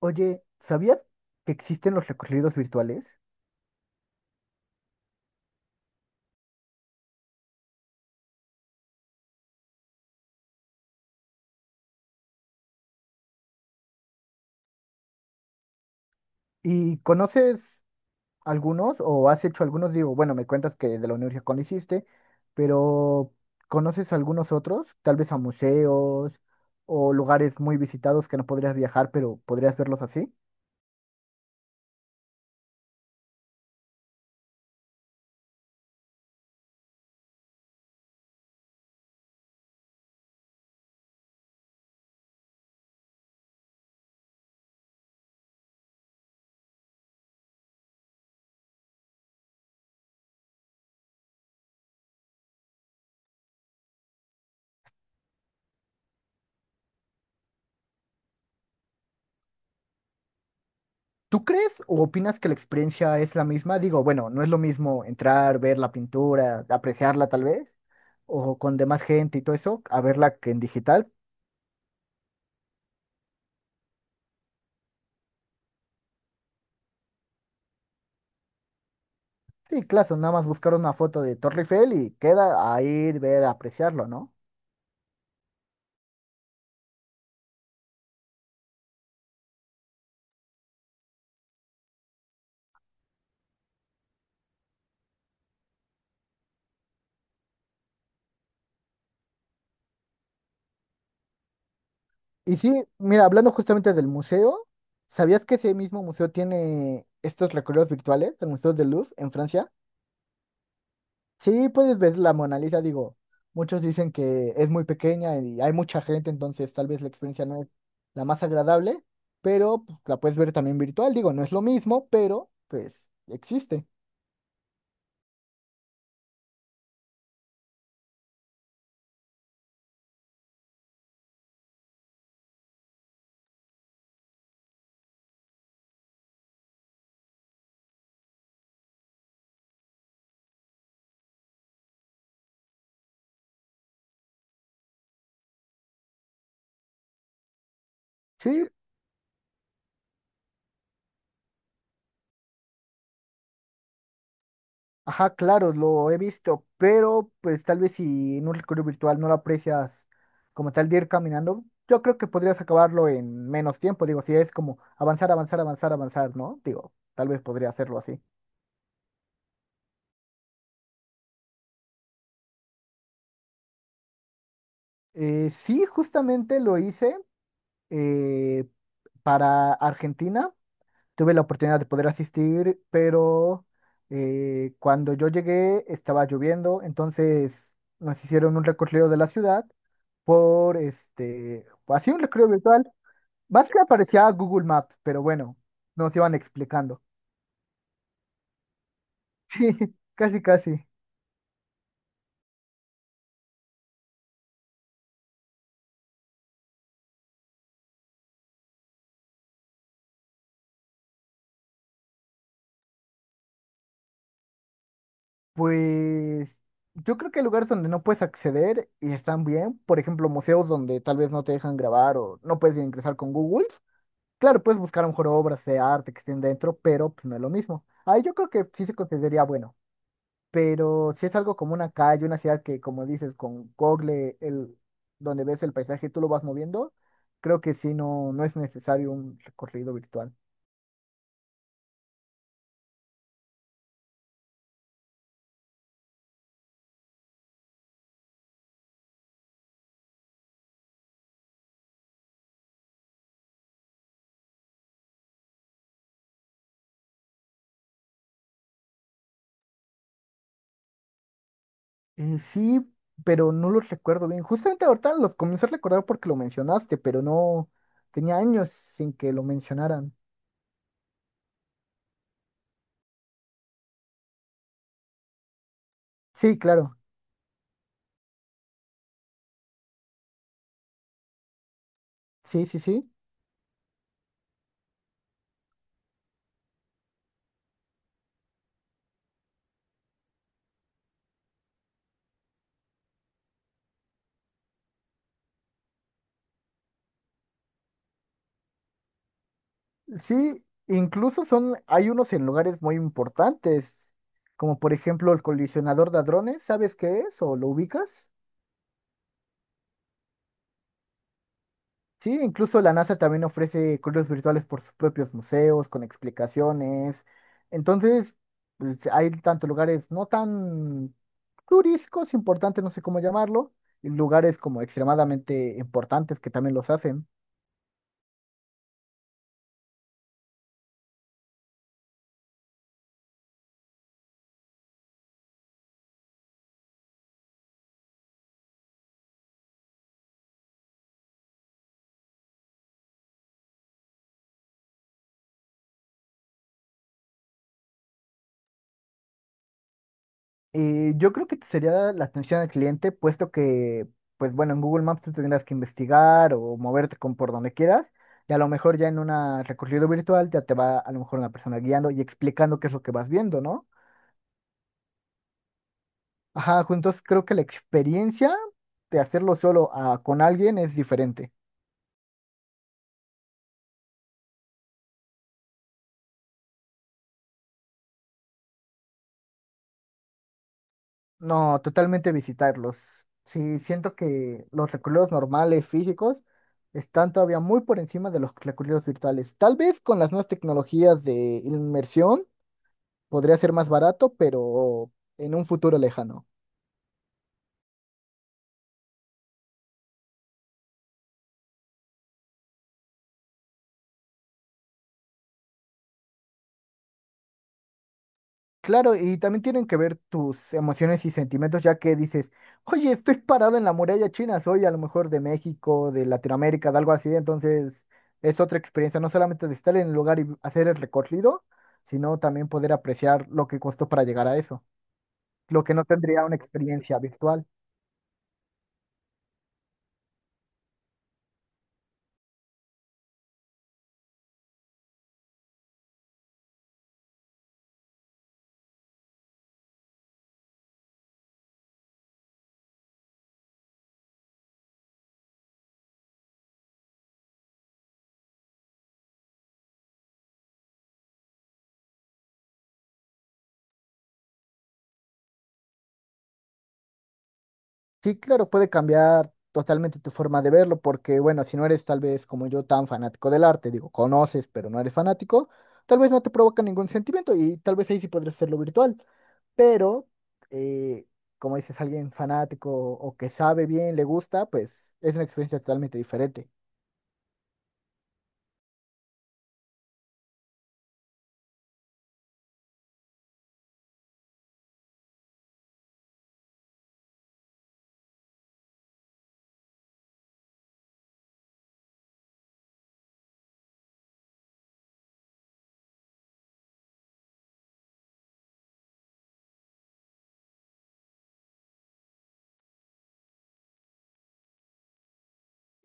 Oye, ¿sabías que existen los recorridos virtuales? ¿Y conoces algunos o has hecho algunos? Digo, bueno, me cuentas que de la universidad con hiciste, pero ¿conoces algunos otros? Tal vez a museos o lugares muy visitados que no podrías viajar, pero podrías verlos así. ¿Tú crees o opinas que la experiencia es la misma? Digo, bueno, no es lo mismo entrar, ver la pintura, apreciarla tal vez, o con demás gente y todo eso, a verla que en digital. Sí, claro, nada más buscar una foto de Torre Eiffel y queda ahí ver, apreciarlo, ¿no? Y sí, mira, hablando justamente del museo, ¿sabías que ese mismo museo tiene estos recorridos virtuales, el Museo de Louvre en Francia? Sí, puedes ver la Mona Lisa, digo, muchos dicen que es muy pequeña y hay mucha gente, entonces tal vez la experiencia no es la más agradable, pero pues, la puedes ver también virtual, digo, no es lo mismo, pero pues existe. Sí, ajá, claro, lo he visto, pero pues tal vez si en un recorrido virtual no lo aprecias como tal de ir caminando, yo creo que podrías acabarlo en menos tiempo, digo, si es como avanzar, avanzar, avanzar, avanzar, ¿no? Digo, tal vez podría hacerlo así. Sí, justamente lo hice eh, para Argentina. Tuve la oportunidad de poder asistir, pero cuando yo llegué estaba lloviendo, entonces nos hicieron un recorrido de la ciudad por este, pues, así un recorrido virtual, más que aparecía Google Maps, pero bueno, nos iban explicando. Sí, casi, casi. Pues yo creo que hay lugares donde no puedes acceder y están bien, por ejemplo, museos donde tal vez no te dejan grabar o no puedes ingresar con Google. Claro, puedes buscar a lo mejor obras de arte que estén dentro, pero pues no es lo mismo. Ahí yo creo que sí se consideraría bueno, pero si es algo como una calle, una ciudad que como dices, con Google, el, donde ves el paisaje, y tú lo vas moviendo, creo que sí no, no es necesario un recorrido virtual. Sí, pero no los recuerdo bien. Justamente ahorita los comencé a recordar porque lo mencionaste, pero no tenía años sin que lo mencionaran. Sí, claro. Sí, sí, sí. Sí, incluso son, hay unos en lugares muy importantes, como por ejemplo el colisionador de hadrones, ¿sabes qué es o lo ubicas? Sí, incluso la NASA también ofrece cruces virtuales por sus propios museos, con explicaciones. Entonces, pues, hay tanto lugares no tan turísticos, importantes, no sé cómo llamarlo, y lugares como extremadamente importantes que también los hacen. Yo creo que sería la atención al cliente, puesto que, pues bueno, en Google Maps tú tendrás que investigar o moverte con por donde quieras, y a lo mejor ya en una recorrido virtual ya te va a lo mejor una persona guiando y explicando qué es lo que vas viendo, ¿no? Ajá, juntos creo que la experiencia de hacerlo solo a- con alguien es diferente. No, totalmente visitarlos. Sí, siento que los recorridos normales, físicos, están todavía muy por encima de los recorridos virtuales. Tal vez con las nuevas tecnologías de inmersión podría ser más barato, pero en un futuro lejano. Claro, y también tienen que ver tus emociones y sentimientos, ya que dices, oye, estoy parado en la muralla china, soy a lo mejor de México, de Latinoamérica, de algo así, entonces es otra experiencia, no solamente de estar en el lugar y hacer el recorrido, sino también poder apreciar lo que costó para llegar a eso, lo que no tendría una experiencia virtual. Sí, claro, puede cambiar totalmente tu forma de verlo, porque bueno, si no eres tal vez como yo tan fanático del arte, digo, conoces, pero no eres fanático, tal vez no te provoca ningún sentimiento y tal vez ahí sí podrías hacerlo virtual, pero eh, como dices, alguien fanático o que sabe bien, le gusta, pues es una experiencia totalmente diferente.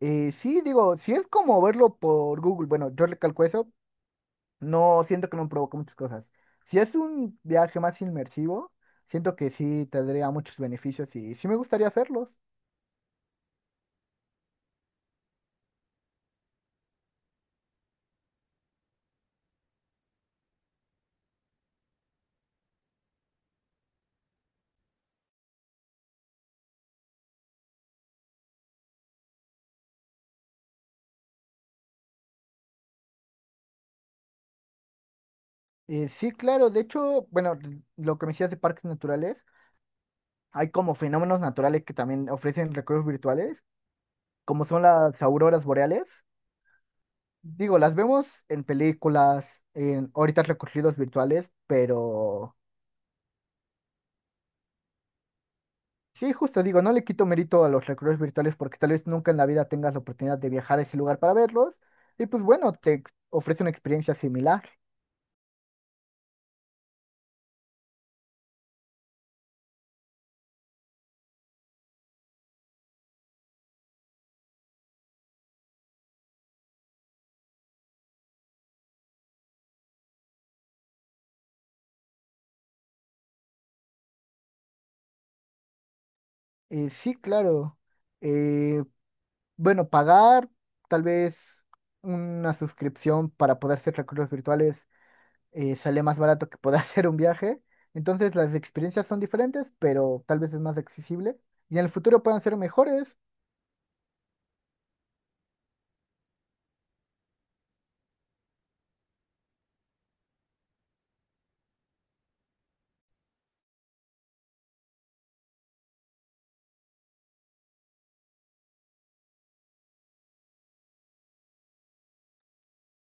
Sí, digo, si es como verlo por Google, bueno, yo recalco eso, no, siento que me provocó muchas cosas. Si es un viaje más inmersivo, siento que sí tendría muchos beneficios y sí me gustaría hacerlos. Sí, claro, de hecho, bueno, lo que me decías de parques naturales, hay como fenómenos naturales que también ofrecen recursos virtuales, como son las auroras boreales. Digo, las vemos en películas, en ahorita recorridos virtuales, pero sí, justo digo, no le quito mérito a los recorridos virtuales porque tal vez nunca en la vida tengas la oportunidad de viajar a ese lugar para verlos. Y pues bueno, te ofrece una experiencia similar. Sí, claro. Eh, bueno, pagar tal vez una suscripción para poder hacer recorridos virtuales sale más barato que poder hacer un viaje. Entonces las experiencias son diferentes, pero tal vez es más accesible. Y en el futuro puedan ser mejores.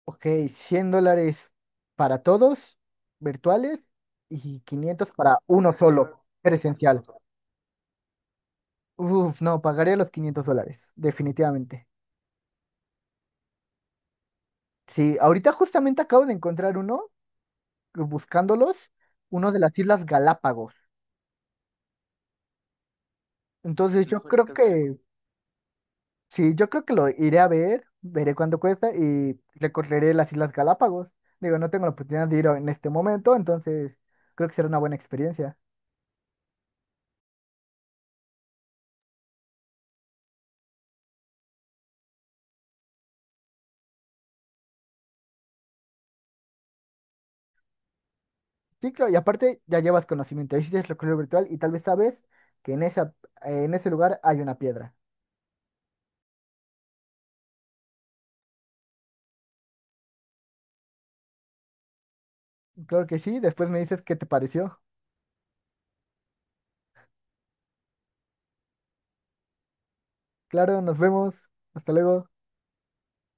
Ok, $100 para todos, virtuales, y 500 para uno solo, presencial. Uf, no, pagaría los $500, definitivamente. Sí, ahorita justamente acabo de encontrar uno, buscándolos, uno de las Islas Galápagos. Entonces yo creo que, sí, yo creo que lo iré a ver, veré cuánto cuesta y recorreré las Islas Galápagos. Digo, no tengo la oportunidad de ir en este momento, entonces creo que será una buena experiencia. Sí, claro, y aparte ya llevas conocimiento, hiciste el recorrido virtual y tal vez sabes que en esa, en ese lugar hay una piedra. Claro que sí, después me dices qué te pareció. Claro, nos vemos. Hasta luego.